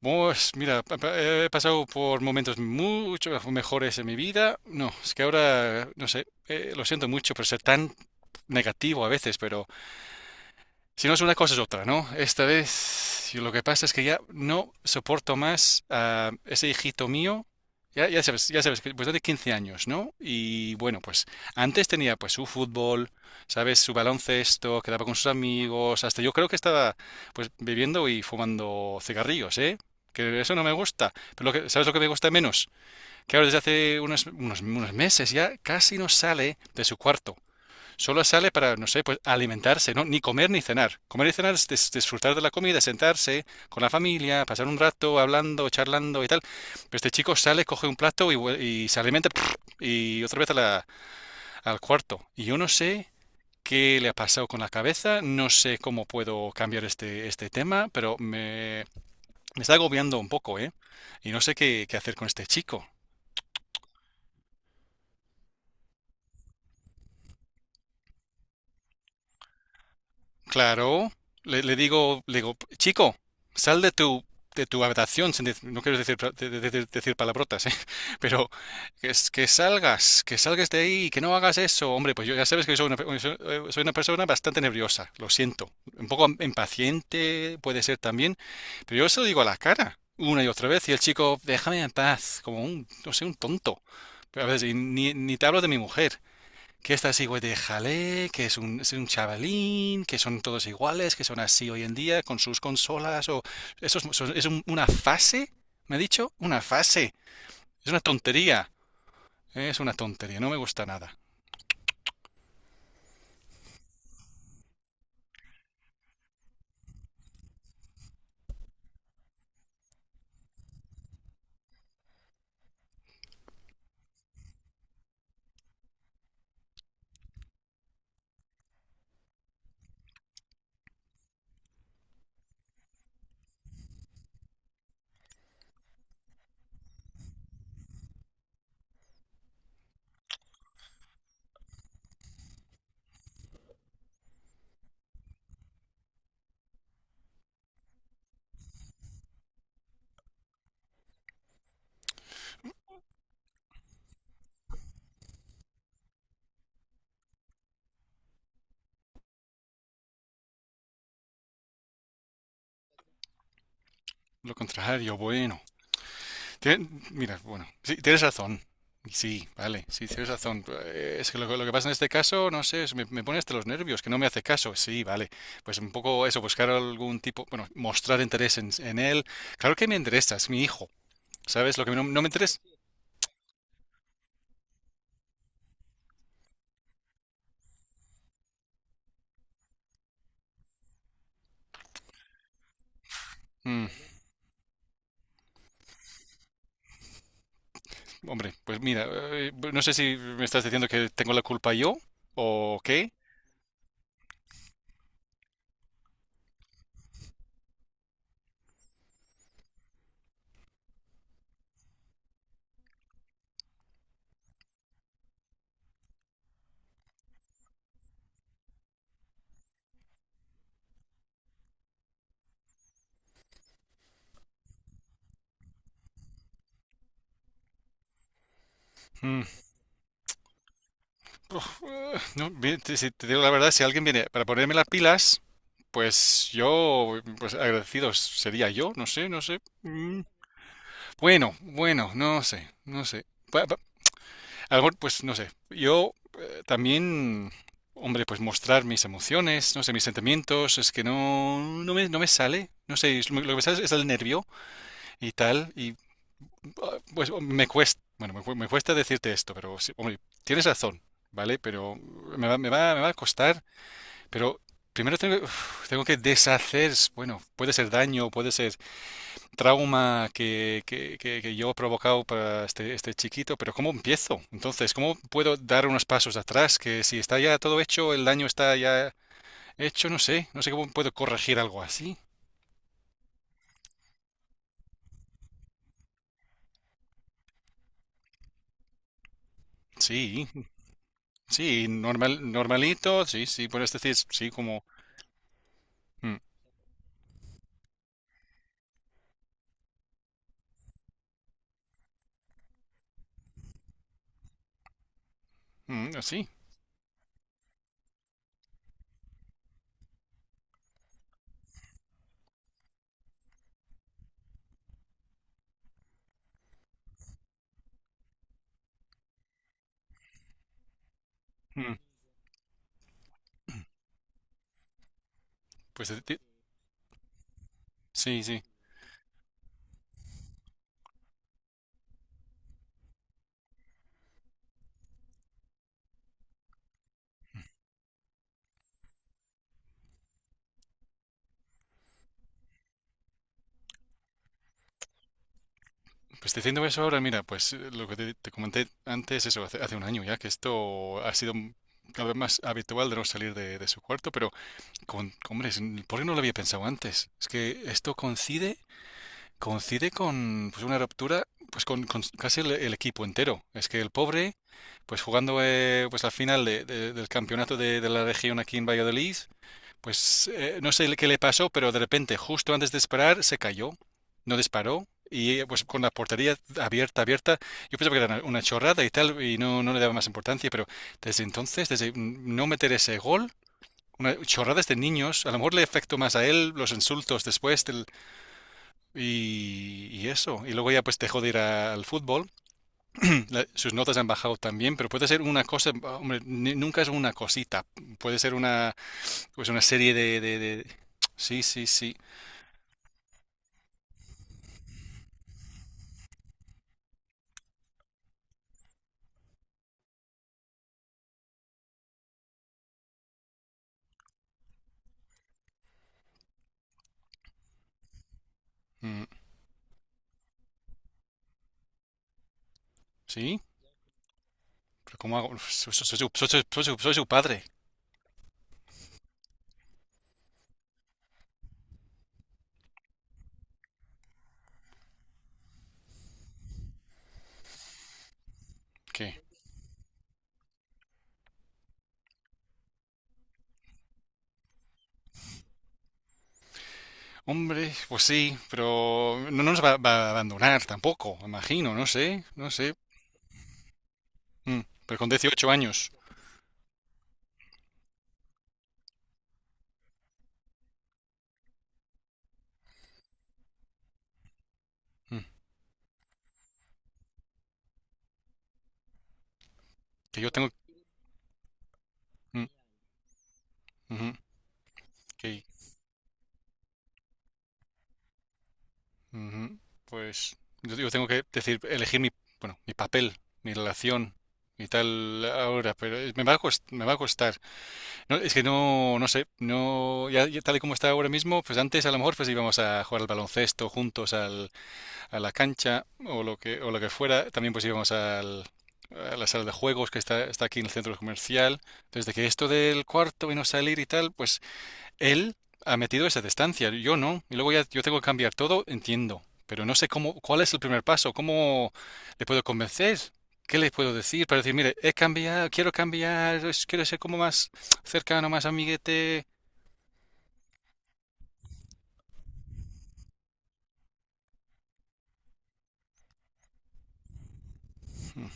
Pues mira, he pasado por momentos mucho mejores en mi vida. No, es que ahora, no sé, lo siento mucho por ser tan negativo a veces, pero si no es una cosa, es otra, ¿no? Esta vez yo lo que pasa es que ya no soporto más a ese hijito mío. Ya sabes, que pues tiene 15 años, ¿no? Y bueno, pues antes tenía pues su fútbol, ¿sabes? Su baloncesto, quedaba con sus amigos, hasta yo creo que estaba pues bebiendo y fumando cigarrillos, ¿eh? Que eso no me gusta. Pero lo ¿sabes lo que me gusta menos? Que ahora desde hace unos meses ya casi no sale de su cuarto. Solo sale para, no sé, pues alimentarse, ¿no? Ni comer ni cenar. Comer y cenar es disfrutar de la comida, sentarse con la familia, pasar un rato hablando, charlando y tal. Pero este chico sale, coge un plato y y se alimenta y otra vez al cuarto. Y yo no sé qué le ha pasado con la cabeza, no sé cómo puedo cambiar este tema, pero me está agobiando un poco, ¿eh? Y no sé qué hacer con este chico. Claro, le digo, chico, sal de tu habitación, sin no quiero decir, decir palabrotas, ¿eh? Pero que salgas de ahí, que no hagas eso. Hombre, pues yo ya sabes que soy soy soy una persona bastante nerviosa, lo siento. Un poco impaciente puede ser también, pero yo se lo digo a la cara una y otra vez y el chico, déjame en paz, como un, no sé, un tonto. Pero a veces, y ni te hablo de mi mujer que está así, güey, de jalé, que es es un chavalín, que son todos iguales, que son así hoy en día, con sus consolas, o... Eso es una fase, ¿me ha dicho? Una fase. Es una tontería. Es una tontería, no me gusta nada. Lo contrario, bueno. Mira, bueno, sí, tienes razón. Sí, vale, sí, tienes razón. Es que lo que pasa en este caso, no sé, me pone hasta los nervios, que no me hace caso. Sí, vale. Pues un poco eso, buscar algún tipo, bueno, mostrar interés en él. Claro que me interesa, es mi hijo. ¿Sabes lo que no me interesa? Mm, hombre, pues mira, no sé si me estás diciendo que tengo la culpa yo o qué. Mm, no, bien, si te digo la verdad, si alguien viene para ponerme las pilas, pues yo, pues agradecido sería yo, no sé, no sé. Bueno, bueno, no sé, no sé. Pa- pa- A lo mejor, pues no sé. Yo también, hombre, pues mostrar mis emociones, no sé, mis sentimientos, es que no, no no me sale. No sé, es lo que me sale es el nervio y tal. Pues me cuesta, bueno, me cuesta decirte esto, pero sí, hombre, tienes razón, ¿vale? Pero me va a costar, pero primero tengo, uf, tengo que deshacer, bueno, puede ser daño, puede ser trauma que yo he provocado para este chiquito, pero ¿cómo empiezo? Entonces, ¿cómo puedo dar unos pasos atrás? Que si está ya todo hecho, el daño está ya hecho, no sé, no sé cómo puedo corregir algo así. Sí, sí, normal, normalito, sí, sí, puedes decir, sí, como, mm, mm, así. Mm, pues sí, sí. Pues te diciendo eso ahora, mira, pues lo que te comenté antes, eso, hace 1 año ya, que esto ha sido cada vez más habitual de no salir de su cuarto, pero, con, hombre, ¿por qué no lo había pensado antes? Es que esto coincide, coincide con pues, una ruptura, pues con casi el equipo entero. Es que el pobre, pues jugando pues la final del campeonato de la región aquí en Valladolid, Pues no sé qué le pasó, pero de repente, justo antes de disparar, se cayó, no disparó. Y pues con la portería abierta, abierta, yo pensaba que era una chorrada y tal, y no, no le daba más importancia, pero desde entonces, desde no meter ese gol, una, chorradas de niños, a lo mejor le afectó más a él los insultos después del, y eso. Y luego ya pues dejó de ir al fútbol, sus notas han bajado también, pero puede ser una cosa, hombre, nunca es una cosita, puede ser una pues una serie de Sí, sí, sí. Mm, ¿sí? ¿Pero cómo hago? Soy su padre. ¿Qué? Hombre, pues sí, pero no, va a abandonar tampoco, me imagino, no sé, no sé. Mm, pero con 18 años, mm, que yo tengo... mm, ujú, que, ujú, pues yo tengo que decir, elegir bueno, mi papel, mi relación y tal ahora, pero me va a costar. No, es que no, no sé, no, ya, ya tal y como está ahora mismo, pues antes a lo mejor pues íbamos a jugar al baloncesto juntos al, a la cancha o o lo que fuera, también pues íbamos al, a la sala de juegos está aquí en el centro comercial, desde que esto del cuarto y no salir y tal, pues él ha metido esa distancia, yo no, y luego ya yo tengo que cambiar todo, entiendo, pero no sé cómo, cuál es el primer paso, cómo le puedo convencer, qué le puedo decir para decir, mire, he cambiado, quiero cambiar, quiero ser como más cercano, más amiguete. Mm,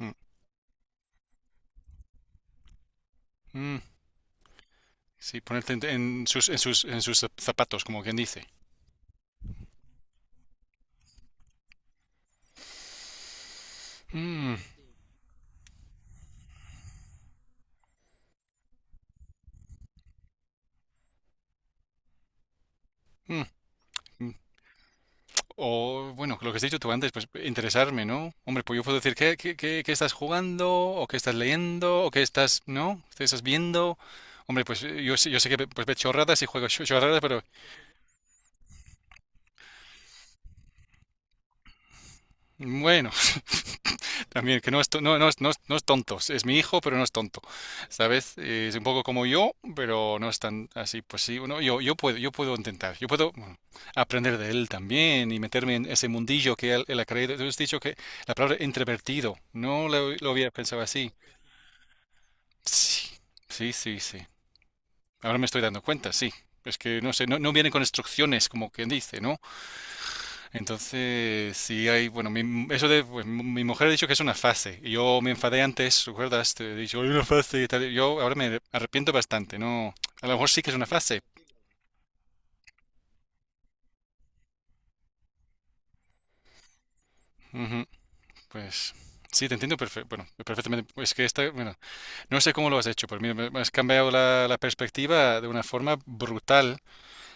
mm, mm. Sí, ponerte en sus, en sus, en sus zapatos, como quien dice. Mm, mm, mm. O, bueno, lo que has dicho tú antes, pues interesarme, ¿no? Hombre, pues yo puedo decir, ¿qué estás jugando? ¿O qué estás leyendo? ¿O qué estás, ¿no? ¿Qué estás viendo? Hombre, pues yo sé pues, ve chorradas y juego chorradas, pero bueno, También, que no, no es tonto. Es mi hijo, pero no es tonto. ¿Sabes? Es un poco como yo, pero no es tan así. Pues sí, uno, yo, yo puedo intentar. Yo puedo bueno, aprender de él también y meterme en ese mundillo él ha creído. Tú has dicho que la palabra introvertido, no lo, lo había pensado así. Sí, sí. Ahora me estoy dando cuenta, sí. Es que no sé, no, no vienen con instrucciones, como quien dice, ¿no? Entonces, sí hay, bueno, eso de, pues, mi mujer ha dicho que es una fase, y yo me enfadé antes, ¿recuerdas? Te he dicho, hay una fase y tal, yo ahora me arrepiento bastante, ¿no? A lo mejor sí que es una fase. Ujú, pues, sí, te entiendo bueno, perfectamente, es que esta, bueno, no sé cómo lo has hecho, pero mira, me has cambiado la perspectiva de una forma brutal,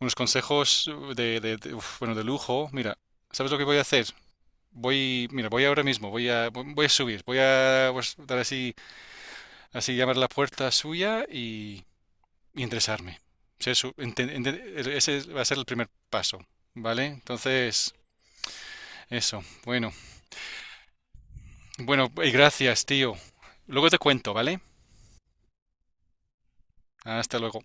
unos consejos uf, bueno, de lujo, mira, ¿sabes lo que voy a hacer? Voy, mira, voy ahora mismo, voy a subir, voy a pues, dar así Así llamar a la puerta suya y enderezarme. O sea, enten- ese va a ser el primer paso, ¿vale? Entonces, eso. Bueno, bueno, y gracias, tío. Luego te cuento, ¿vale? Hasta luego.